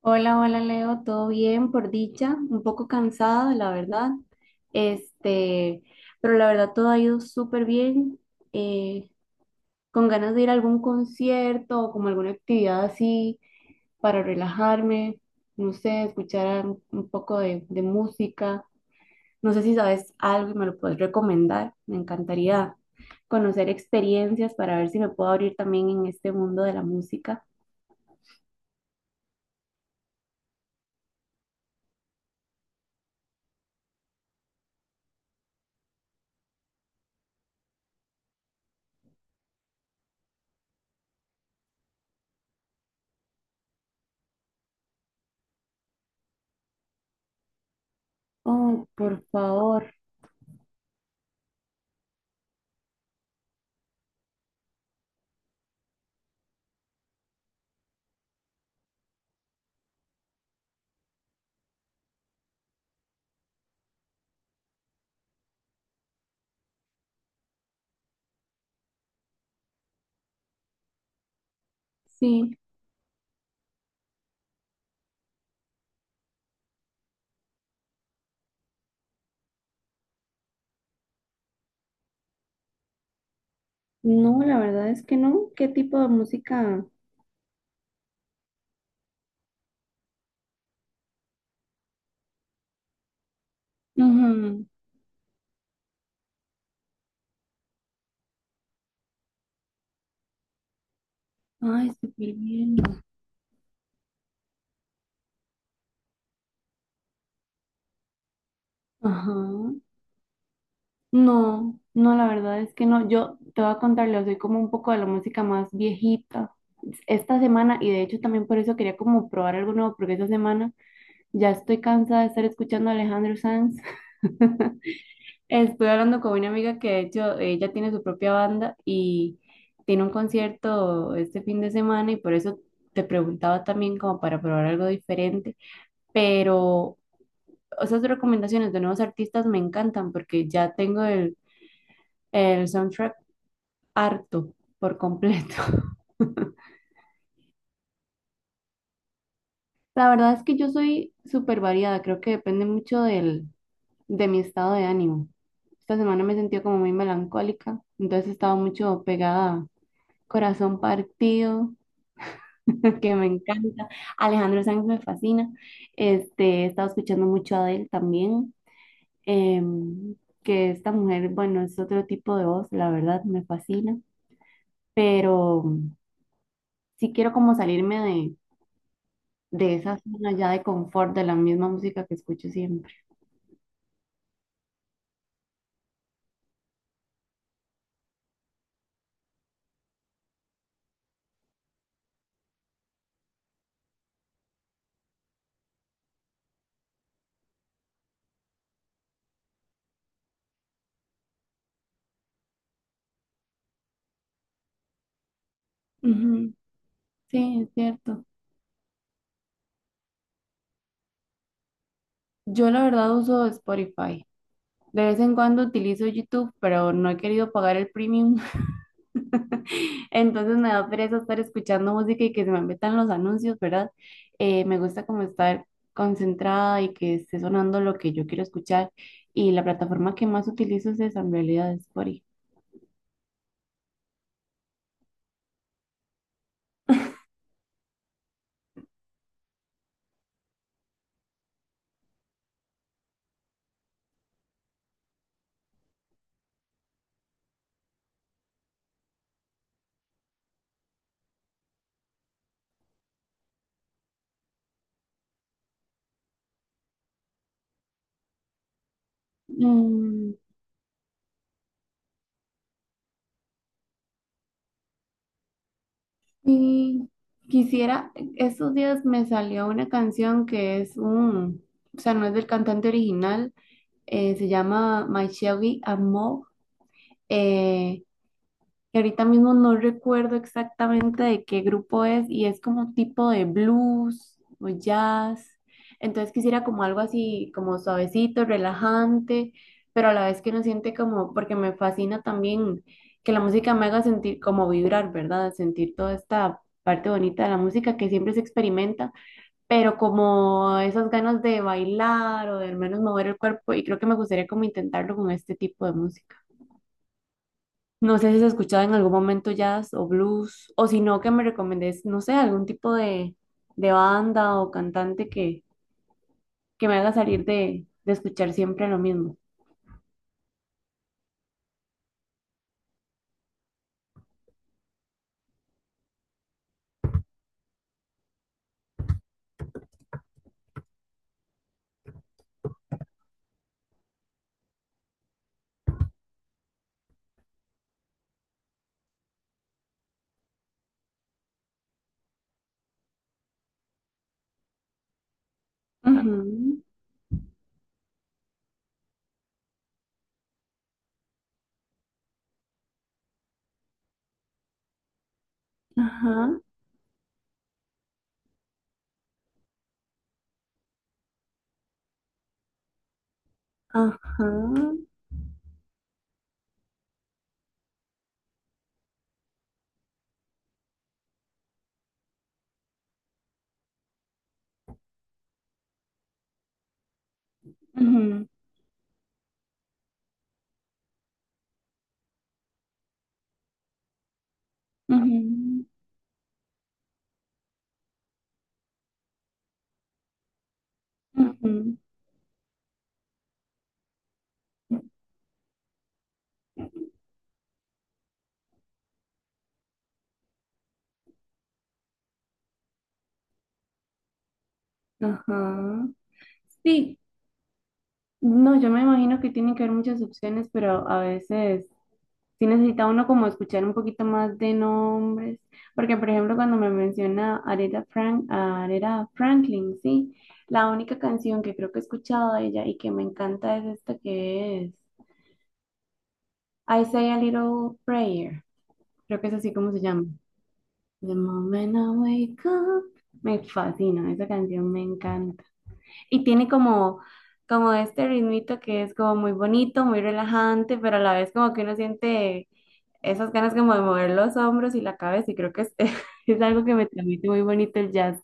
Hola, hola Leo, todo bien por dicha, un poco cansada, la verdad, este, pero la verdad todo ha ido súper bien, eh, con ganas de ir a algún concierto o como alguna actividad así para relajarme, no sé, escuchar un poco de música, no sé si sabes algo y me lo puedes recomendar, me encantaría conocer experiencias para ver si me puedo abrir también en este mundo de la música. Oh, por favor, sí. No, la verdad es que no. ¿Qué tipo de música? Ujú. Ay, súper bien. Ajá. No, no, la verdad es que no. Yo te voy a contarle, soy como un poco de la música más viejita. Esta semana, y de hecho también por eso quería como probar algo nuevo, porque esta semana ya estoy cansada de estar escuchando a Alejandro Sanz. Estuve hablando con una amiga que de hecho ella tiene su propia banda y tiene un concierto este fin de semana y por eso te preguntaba también como para probar algo diferente. Pero esas recomendaciones de nuevos artistas me encantan porque ya tengo el soundtrack harto por completo. La verdad es que yo soy súper variada, creo que depende mucho de mi estado de ánimo. Esta semana me sentí como muy melancólica, entonces estaba mucho pegada a Corazón Partido que me encanta. Alejandro Sanz me fascina. He estado escuchando mucho a Adele también, em, que esta mujer, bueno, es otro tipo de voz, la verdad, me fascina. Pero sí quiero como salirme de esa zona ya de confort, de la misma música que escucho siempre. Ujú. Sí, es cierto. Yo la verdad uso Spotify. De vez en cuando utilizo YouTube, pero no he querido pagar el premium. Entonces me da pereza estar escuchando música y que se me metan los anuncios, ¿verdad? Me gusta como estar concentrada y que esté sonando lo que yo quiero escuchar. Y la plataforma que más utilizo es esa, en realidad, es Spotify. Mm, y quisiera, estos días me salió una canción que es o sea, no es del cantante original, se llama My Shelby Amor, que ahorita mismo no recuerdo exactamente de qué grupo es y es como tipo de blues o jazz. Entonces quisiera como algo así, como suavecito, relajante, pero a la vez que uno siente como, porque me fascina también que la música me haga sentir como vibrar, ¿verdad? Sentir toda esta parte bonita de la música que siempre se experimenta, pero como esas ganas de bailar o de al menos mover el cuerpo y creo que me gustaría como intentarlo con este tipo de música. No sé si has escuchado en algún momento jazz o blues, o si no, que me recomendés, no sé, algún tipo de banda o cantante que me haga salir de escuchar siempre lo mismo. Ujú, ajá, ajá, ujú, ujú, ujú, ajá. Sí, no, yo me imagino que tienen que haber muchas opciones, pero a veces sí necesita uno como escuchar un poquito más de nombres, porque por ejemplo cuando me menciona a Aretha Franklin, sí, la única canción que creo que he escuchado de ella y que me encanta es esta que es I Say a Little Prayer, creo que es así como se llama. The moment I wake up, me fascina, esa canción me encanta. Y tiene como este ritmito que es como muy bonito, muy relajante, pero a la vez como que uno siente esas ganas como de mover los hombros y la cabeza, y creo que es, es algo que me transmite muy bonito el jazz.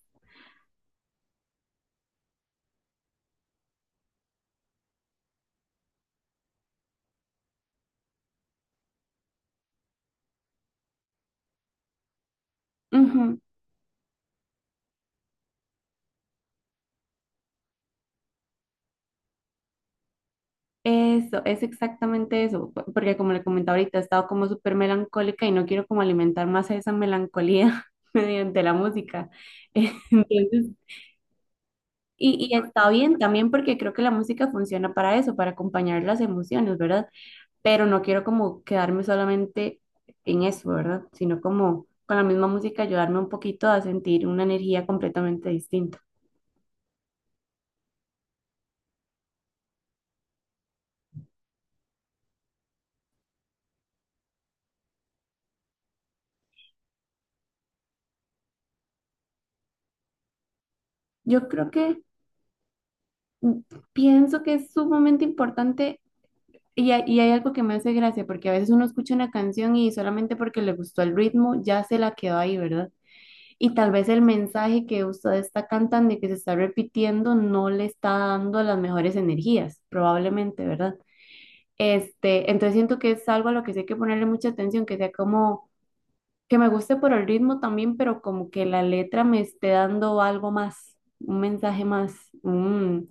Ujú. Eso, es exactamente eso, porque como le comentaba ahorita, he estado como súper melancólica y no quiero como alimentar más esa melancolía mediante la música. Entonces, y está bien también porque creo que la música funciona para eso, para acompañar las emociones, ¿verdad? Pero no quiero como quedarme solamente en eso, ¿verdad? Sino como con la misma música ayudarme un poquito a sentir una energía completamente distinta. Yo creo que mm, pienso que es sumamente importante y hay algo que me hace gracia, porque a veces uno escucha una canción y solamente porque le gustó el ritmo ya se la quedó ahí, ¿verdad? Y tal vez el mensaje que usted está cantando y que se está repitiendo no le está dando las mejores energías, probablemente, ¿verdad? Entonces siento que es algo a lo que sí hay que ponerle mucha atención, que sea como que me guste por el ritmo también, pero como que la letra me esté dando algo más, un mensaje más. mm,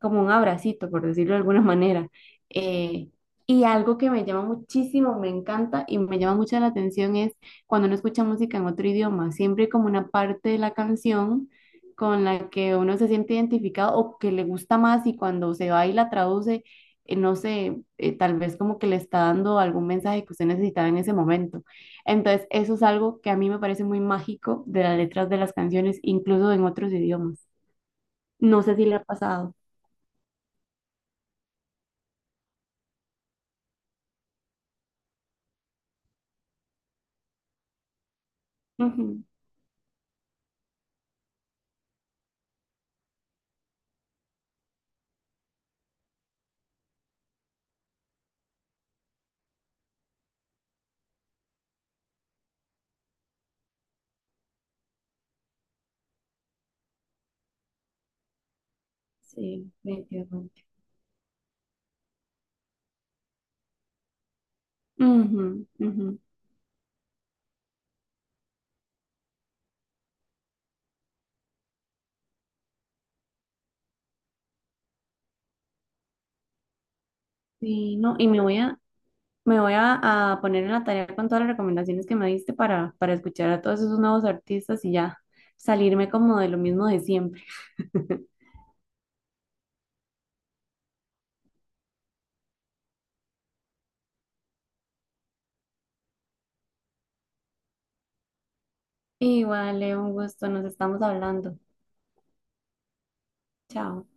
como un abracito, por decirlo de alguna manera. Eh, y algo que me llama muchísimo, me encanta y me llama mucho la atención es cuando uno escucha música en otro idioma, siempre hay como una parte de la canción con la que uno se siente identificado o que le gusta más y cuando se va y la traduce, no sé, tal vez como que le está dando algún mensaje que usted necesitaba en ese momento. Entonces, eso es algo que a mí me parece muy mágico de las letras de las canciones, incluso en otros idiomas. No sé si le ha pasado. Sí, definitivamente. Ujú, ujú. Sí, no, me voy a poner en la tarea con todas las recomendaciones que me diste para escuchar a todos esos nuevos artistas y ya salirme como de lo mismo de siempre. Igual, Leo, un gusto, nos estamos hablando. Chao.